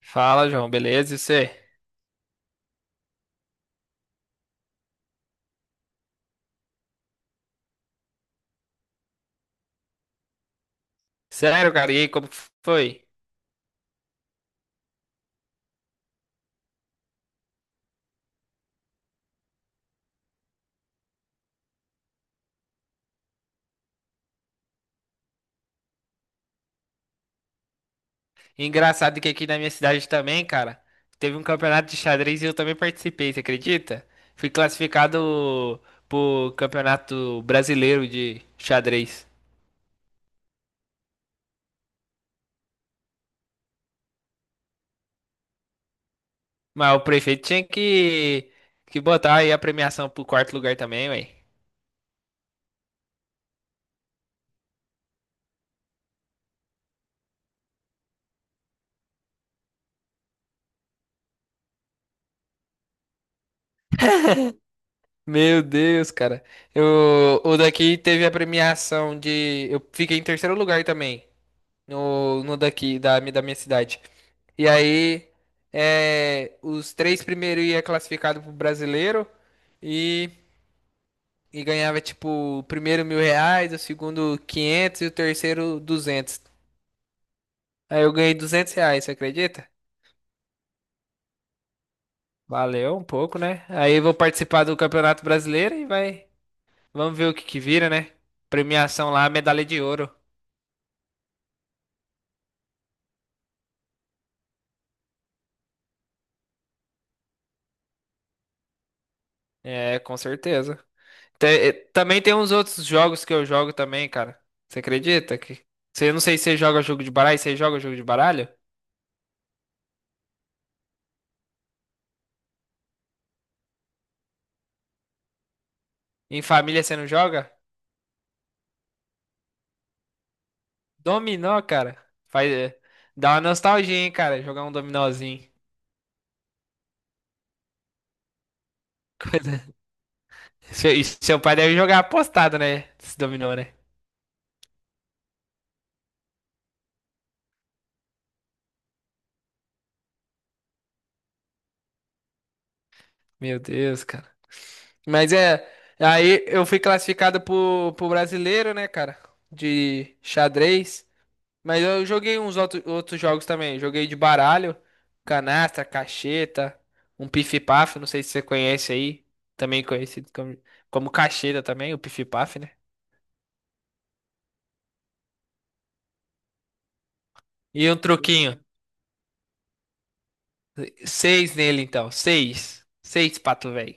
Fala, João, beleza? E você? Sério, cara, e aí, como que foi? Engraçado que aqui na minha cidade também, cara, teve um campeonato de xadrez e eu também participei, você acredita? Fui classificado pro Campeonato Brasileiro de Xadrez. Mas o prefeito tinha que botar aí a premiação pro quarto lugar também, ué. Meu Deus, cara. O daqui teve a premiação de. Eu fiquei em terceiro lugar também. No daqui, da minha cidade. E aí, os três primeiros ia classificado pro brasileiro e, e ganhava, tipo, o primeiro R$ 1.000, o segundo 500 e o terceiro 200. Aí eu ganhei R$ 200, você acredita? Valeu um pouco, né? Aí eu vou participar do Campeonato Brasileiro e vai. Vamos ver o que que vira, né? Premiação lá, medalha de ouro. É, com certeza. Também tem uns outros jogos que eu jogo também, cara. Você acredita que? Eu não sei se você joga jogo de baralho, você joga jogo de baralho? Em família você não joga? Dominó, cara. Faz, é, Dá uma nostalgia, hein, cara, jogar um dominózinho. Coisa- e seu pai deve jogar apostado, né? Esse dominó, né? Meu Deus, cara. Mas é. Aí eu fui classificado pro brasileiro, né, cara? De xadrez. Mas eu joguei uns outros jogos também. Joguei de baralho, canastra, cacheta, um pif-paf, não sei se você conhece aí. Também conhecido como cacheta também, o pif-paf, né? E um truquinho. Seis nele, então. Seis. Seis, pato, velho.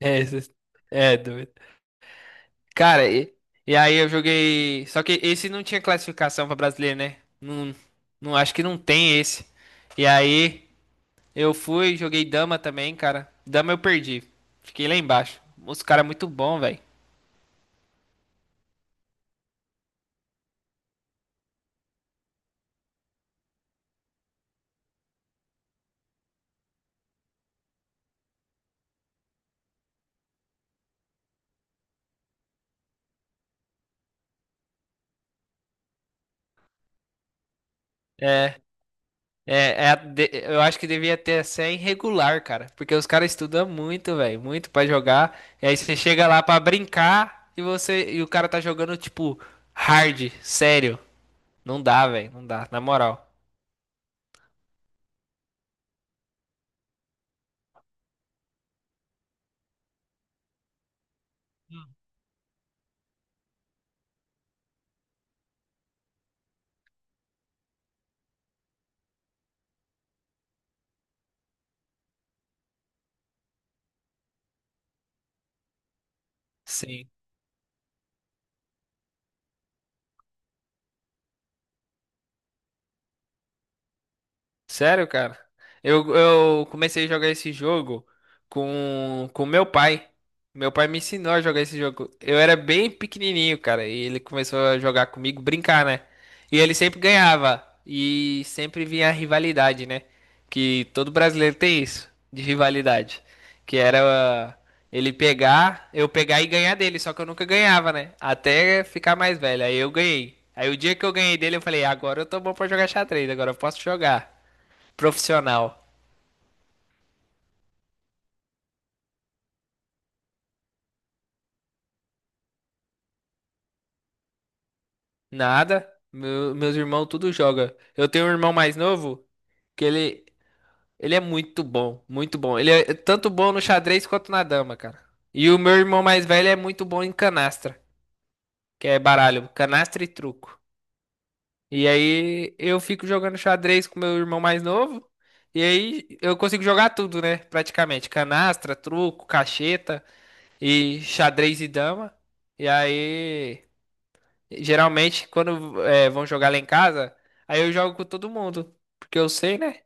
É, é doido. Cara, e aí eu joguei. Só que esse não tinha classificação pra brasileiro, né? Não, não acho que não tem esse. E aí eu joguei dama também, cara. Dama eu perdi. Fiquei lá embaixo. Os caras muito bom, velho. É a eu acho que devia ter ser irregular, cara. Porque os caras estudam muito, velho. Muito pra jogar. E aí você chega lá pra brincar e você e o cara tá jogando, tipo, hard, sério. Não dá, velho. Não dá, na moral. Sim. Sério, cara? Eu comecei a jogar esse jogo com meu pai. Meu pai me ensinou a jogar esse jogo. Eu era bem pequenininho, cara, e ele começou a jogar comigo, brincar, né? E ele sempre ganhava e sempre vinha a rivalidade, né? Que todo brasileiro tem isso de rivalidade, que era ah, ele pegar, eu pegar e ganhar dele, só que eu nunca ganhava, né? Até ficar mais velho. Aí eu ganhei. Aí o dia que eu ganhei dele, eu falei: "Agora eu tô bom pra jogar xadrez, agora eu posso jogar". Profissional. Nada. Meus irmãos tudo joga. Eu tenho um irmão mais novo que ele é muito bom, muito bom. Ele é tanto bom no xadrez quanto na dama, cara. E o meu irmão mais velho é muito bom em canastra, que é baralho, canastra e truco. E aí eu fico jogando xadrez com meu irmão mais novo, e aí eu consigo jogar tudo, né? Praticamente, canastra, truco, cacheta e xadrez e dama. E aí Geralmente, quando é, vão jogar lá em casa, aí eu jogo com todo mundo. Porque eu sei, né?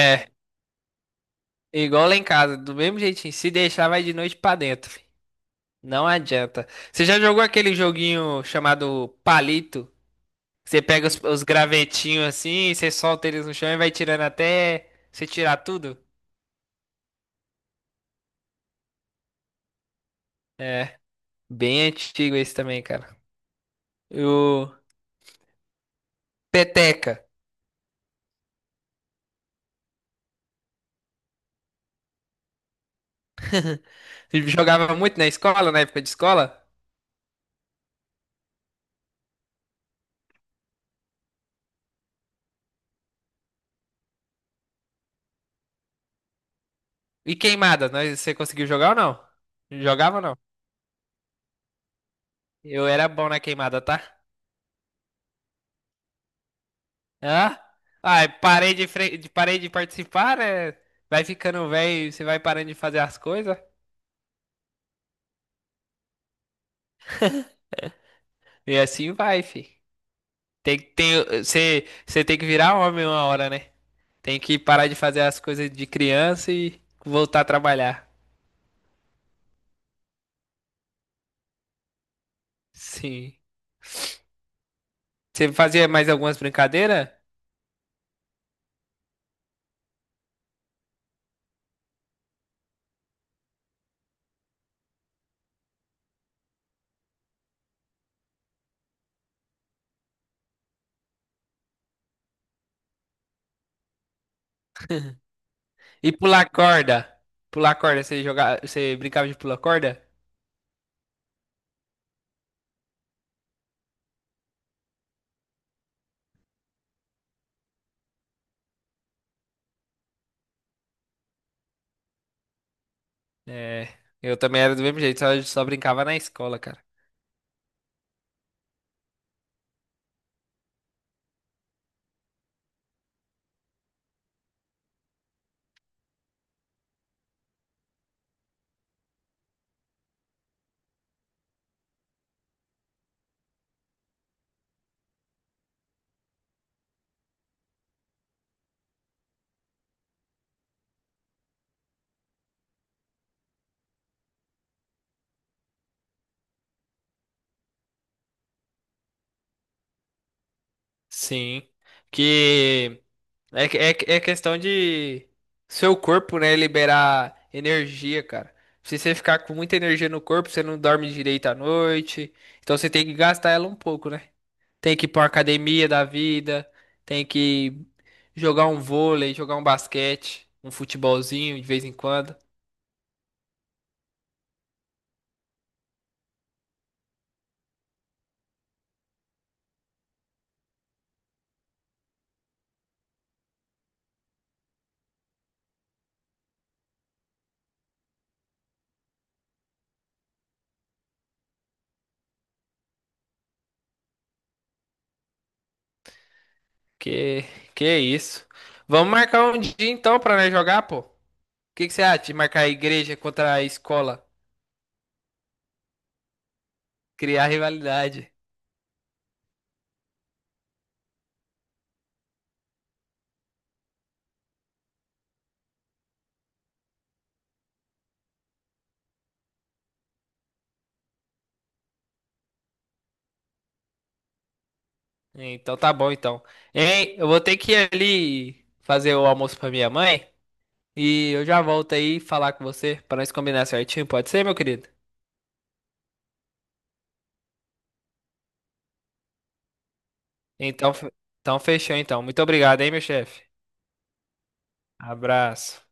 É, igual lá em casa, do mesmo jeitinho. Se deixar, vai de noite pra dentro. Fi. Não adianta. Você já jogou aquele joguinho chamado palito? Você pega os gravetinhos assim, você solta eles no chão e vai tirando até você tirar tudo? É, bem antigo esse também, cara. O peteca. Eu jogava muito na escola, na época de escola. E queimada, você conseguiu jogar ou não? Jogava ou não? Eu era bom na queimada, tá? Hã? Ai, parei de participar, né? Vai ficando velho, você vai parando de fazer as coisas. E assim vai, fi. Você tem que virar homem uma hora, né? Tem que parar de fazer as coisas de criança e voltar a trabalhar. Sim. Você fazia mais algumas brincadeiras? E pular corda? Pular corda, você brincava de pular corda? É, eu também era do mesmo jeito, só brincava na escola, cara. Sim. Que é questão de seu corpo, né, liberar energia, cara. Se você ficar com muita energia no corpo, você não dorme direito à noite. Então você tem que gastar ela um pouco, né? Tem que ir pra uma academia da vida, tem que jogar um vôlei, jogar um basquete, um futebolzinho de vez em quando. Que que é isso? Vamos marcar um dia então pra nós jogar, pô. O que que você acha de marcar a igreja contra a escola? Criar rivalidade. Então tá bom, então. Hein, eu vou ter que ir ali fazer o almoço pra minha mãe e eu já volto aí falar com você pra nós combinar certinho, pode ser, meu querido? Então, fe- então fechou, então. Muito obrigado, hein, meu chefe. Abraço.